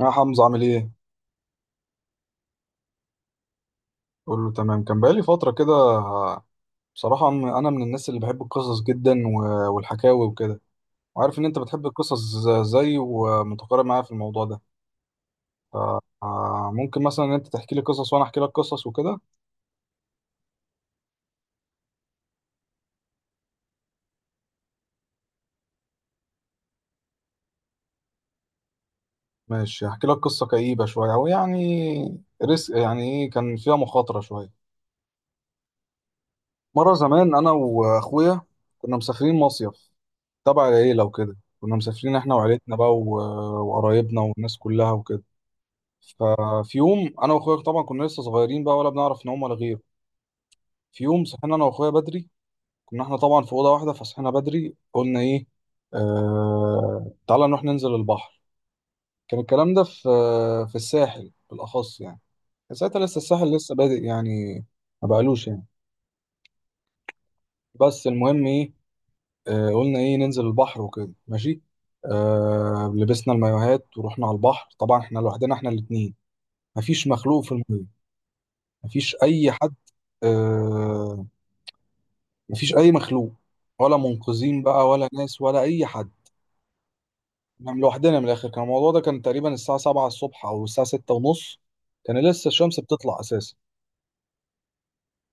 يا حمزة عامل ايه؟ قول له تمام كان بقالي فترة كده. بصراحة أنا من الناس اللي بحب القصص جدا والحكاوي وكده، وعارف إن أنت بتحب القصص زي ومتقارب معايا في الموضوع ده. ممكن مثلا إن أنت تحكي لي قصص وأنا أحكي لك قصص وكده. ماشي، هحكي لك قصة كئيبة شوية، أو يعني ريسك، يعني إيه، كان فيها مخاطرة شوية. مرة زمان أنا وأخويا كنا مسافرين مصيف تبع العيلة وكده. كنا مسافرين إحنا وعيلتنا بقى وقرايبنا والناس كلها وكده. ففي يوم انا واخويا طبعا كنا لسه صغيرين بقى، ولا بنعرف نعوم ولا غيره. في يوم صحينا انا واخويا بدري، كنا احنا طبعا في اوضه واحده، فصحينا بدري قلنا ايه، تعالى نروح ننزل البحر. كان الكلام ده في في الساحل بالاخص يعني، كان ساعتها لسه الساحل لسه بادئ يعني، ما بقالوش يعني. بس المهم ايه، قلنا ايه ننزل البحر وكده، ماشي. لبسنا المايوهات ورحنا على البحر. طبعا احنا لوحدنا احنا الاتنين، مفيش مخلوق في الميه، مفيش اي حد، آه، مفيش اي مخلوق، ولا منقذين بقى ولا ناس ولا اي حد. نعم لوحدنا من الاخر. كان الموضوع ده كان تقريبا الساعه 7 الصبح او الساعه 6 ونص، كان لسه الشمس بتطلع اساسا.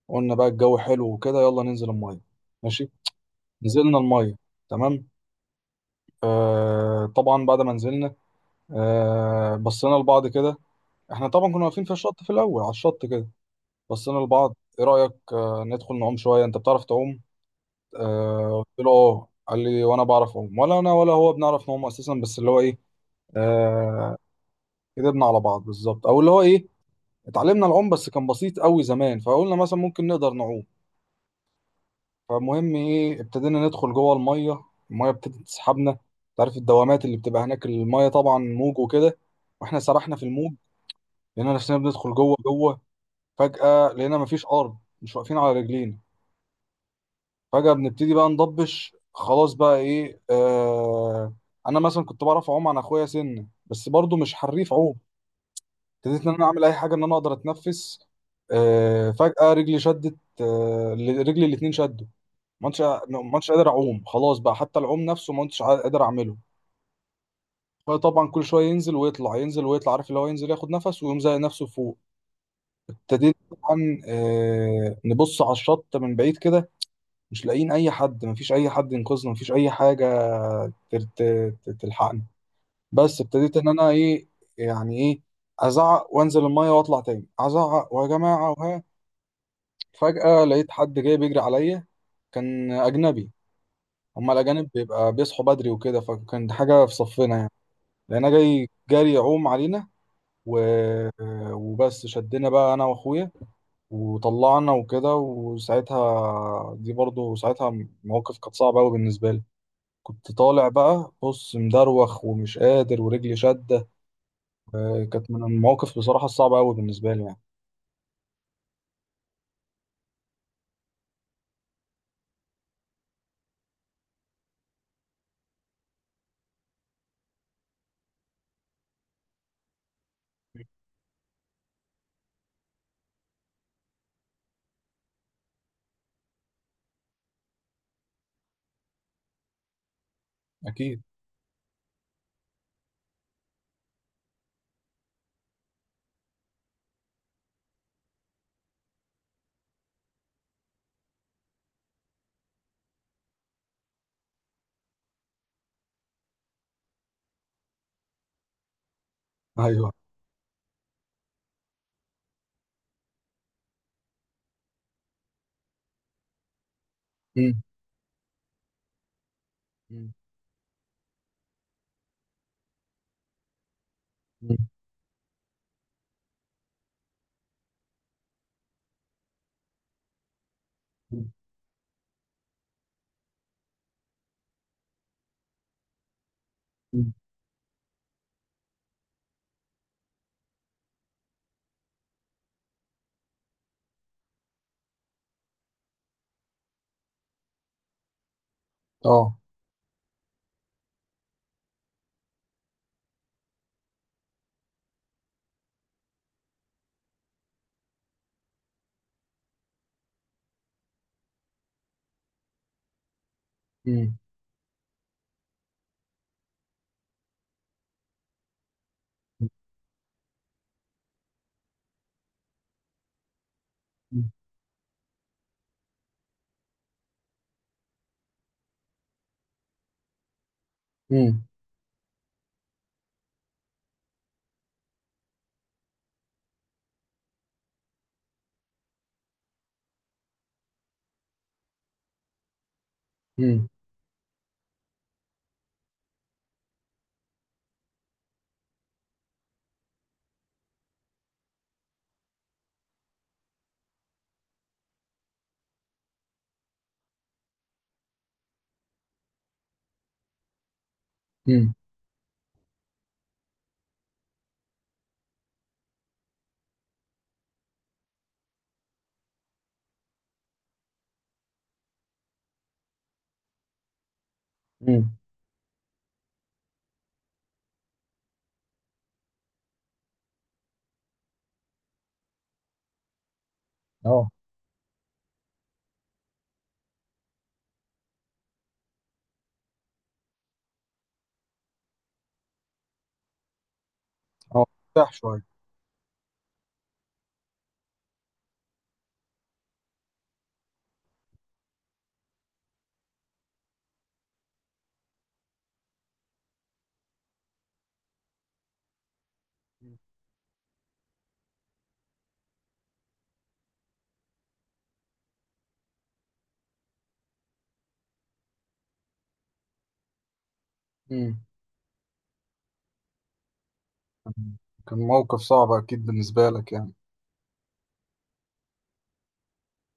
قلنا بقى الجو حلو وكده، يلا ننزل الميه، ماشي. نزلنا الميه، تمام. آه طبعا بعد ما نزلنا، آه بصينا لبعض كده. احنا طبعا كنا واقفين في الشط في الاول، على الشط كده. بصينا لبعض، ايه رايك آه ندخل نعوم شويه؟ انت بتعرف تعوم؟ آه قلت له اه، قال لي وانا بعرف اعوم، ولا انا ولا هو بنعرف نعوم اساسا، بس اللي هو ايه، آه كدبنا على بعض بالظبط. او اللي هو ايه، اتعلمنا العوم بس كان بسيط قوي زمان، فقلنا مثلا ممكن نقدر نعوم. فمهم ايه، ابتدينا ندخل جوه الميه. الميه ابتدت تسحبنا. انت عارف الدوامات اللي بتبقى هناك، الميه طبعا موج وكده، واحنا سرحنا في الموج. لقينا نفسنا بندخل جوه جوه. فجأة لقينا مفيش ارض، مش واقفين على رجلينا. فجأة بنبتدي بقى نضبش، خلاص بقى ايه آه. انا مثلا كنت بعرف اعوم عن اخويا سنة، بس برضو مش حريف عوم. ابتديت ان انا اعمل اي حاجه ان انا اقدر اتنفس. فجاه رجلي شدت، رجلي الاتنين شدوا. ما كنتش ما كنتش قادر اعوم، خلاص بقى حتى العوم نفسه ما كنتش قادر اعمله. فطبعا كل شويه ينزل ويطلع، ينزل ويطلع، عارف اللي هو ينزل ياخد نفس ويقوم زي نفسه فوق. ابتديت طبعا نبص على الشط من بعيد كده، مش لاقيين اي حد، مفيش اي حد ينقذنا، مفيش اي حاجه تر- ت- تلحقنا. بس ابتديت ان انا ايه، يعني ايه، ازعق وانزل الميه واطلع تاني ازعق ويا جماعه وها. فجأة لقيت حد جاي بيجري عليا، كان أجنبي. هما الأجانب بيبقى بيصحوا بدري وكده، فكان دي حاجة في صفنا يعني. لقينا جاي جاري يعوم علينا و... وبس شدنا بقى أنا وأخويا وطلعنا وكده. وساعتها دي برضو ساعتها مواقف كانت صعبة أوي بالنسبة لي. كنت طالع بقى بص مدروخ ومش قادر ورجلي شدة. كانت من المواقف بصراحة الصعبة أوي بالنسبة لي يعني. أكيد. أيوه. مم. مم. مم. مم. أه. امم. امم. امم. امم. امم. اه. اه. ارتاح شوية. امم. كان موقف صعب أكيد بالنسبة لك يعني،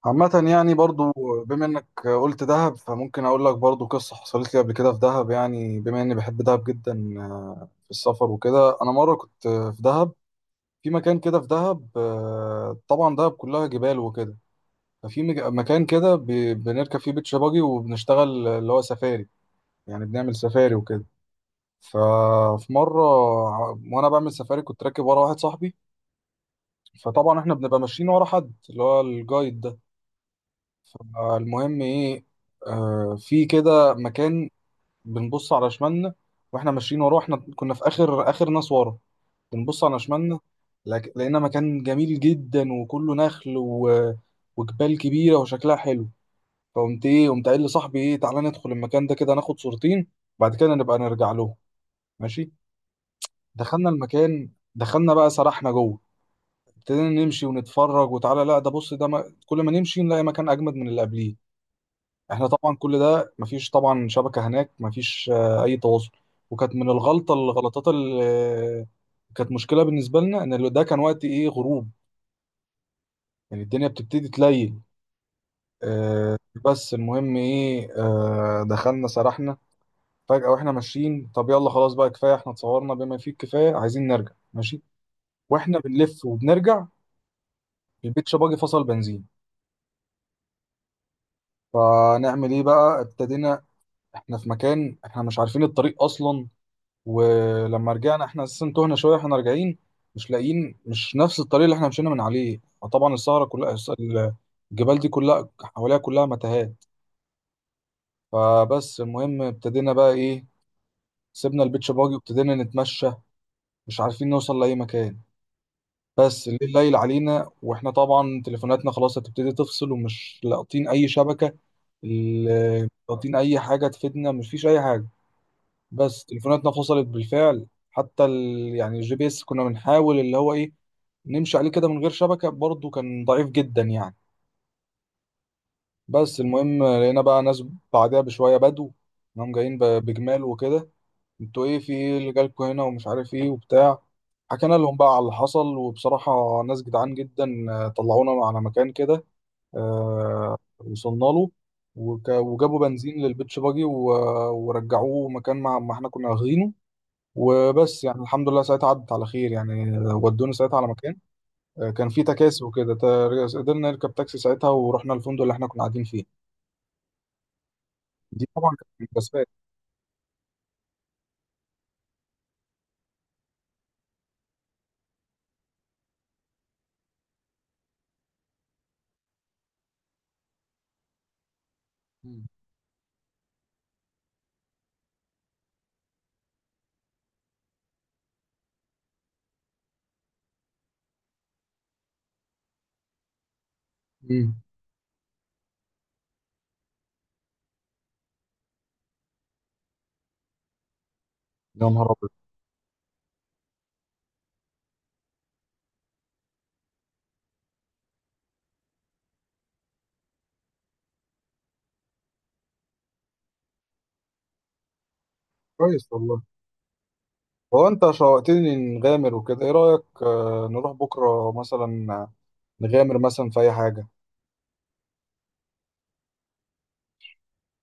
عامة يعني برضو بما إنك قلت دهب، فممكن أقول لك برضو قصة حصلت لي قبل كده في دهب، يعني بما إني بحب دهب جدا. في السفر وكده، أنا مرة كنت في دهب. في مكان كده في دهب، طبعا دهب كلها جبال وكده. ففي مكان كده بنركب فيه بيتش باجي وبنشتغل اللي هو سفاري، يعني بنعمل سفاري وكده. ففي مرة وأنا بعمل سفاري كنت راكب ورا واحد صاحبي. فطبعا إحنا بنبقى ماشيين ورا حد، اللي هو الجايد ده. فالمهم إيه، في كده مكان بنبص على شمالنا، وإحنا ماشيين وراه، إحنا كنا في آخر آخر ناس ورا. بنبص على شمالنا، لقينا مكان جميل جدا، وكله نخل وجبال كبيرة وشكلها حلو. فقمت إيه، قمت قايل لصاحبي إيه، تعالى ندخل المكان ده كده ناخد صورتين، بعد كده نبقى نرجع له، ماشي. دخلنا المكان، دخلنا بقى سرحنا جوه. ابتدينا نمشي ونتفرج، وتعالى لا ده بص ده ما... كل ما نمشي نلاقي مكان اجمد من اللي قبليه. احنا طبعا كل ده مفيش طبعا شبكة هناك، مفيش اي تواصل. وكانت من الغلطات اللي كانت مشكلة بالنسبة لنا ان اللي ده كان وقت ايه، غروب، يعني الدنيا بتبتدي تليل. آه، بس المهم ايه، دخلنا سرحنا. فجأة واحنا ماشيين، طب يلا خلاص بقى كفاية، احنا اتصورنا بما فيه الكفاية، عايزين نرجع، ماشي. واحنا بنلف وبنرجع، البيتش باجي فصل بنزين. فنعمل ايه بقى، ابتدينا، احنا في مكان احنا مش عارفين الطريق اصلا. ولما رجعنا احنا اساسا تهنا شويه احنا راجعين، مش لاقيين، مش نفس الطريق اللي احنا مشينا من عليه. فطبعا السهره كلها، الجبال دي كلها حواليها كلها متاهات. فبس المهم ابتدينا بقى ايه، سيبنا البيتش باجي وابتدينا نتمشى. مش عارفين نوصل لاي مكان، بس الليل ليل علينا، واحنا طبعا تليفوناتنا خلاص هتبتدي تفصل، ومش لاقطين اي شبكه، لاقطين اي حاجه تفيدنا، مفيش اي حاجه. بس تليفوناتنا فصلت بالفعل، حتى ال... يعني الجي بي اس كنا بنحاول اللي هو ايه، نمشي عليه كده من غير شبكه، برضه كان ضعيف جدا يعني. بس المهم لقينا بقى ناس بعدها بشويه، بدو، انهم جايين بجمال وكده. انتوا ايه، في ايه اللي جالكوا هنا، ومش عارف ايه وبتاع. حكينا لهم بقى على اللي حصل، وبصراحة ناس جدعان جدا، طلعونا على مكان كده، وصلنا له، وجابوا بنزين للبيتش باجي ورجعوه مكان ما احنا كنا واخدينه. وبس يعني الحمد لله ساعتها عدت على خير يعني. ودونا ساعتها على مكان، كان في تكاسي وكده، قدرنا نركب تاكسي ساعتها، ورحنا الفندق اللي احنا كنا قاعدين فيه. دي طبعا كانت من الأسباب. مم. مم. يا نهار أبيض. كويس والله. هو انت شوقتني نغامر وكده، ايه رأيك نروح بكرة مثلا، نغامر مثلا في اي حاجة؟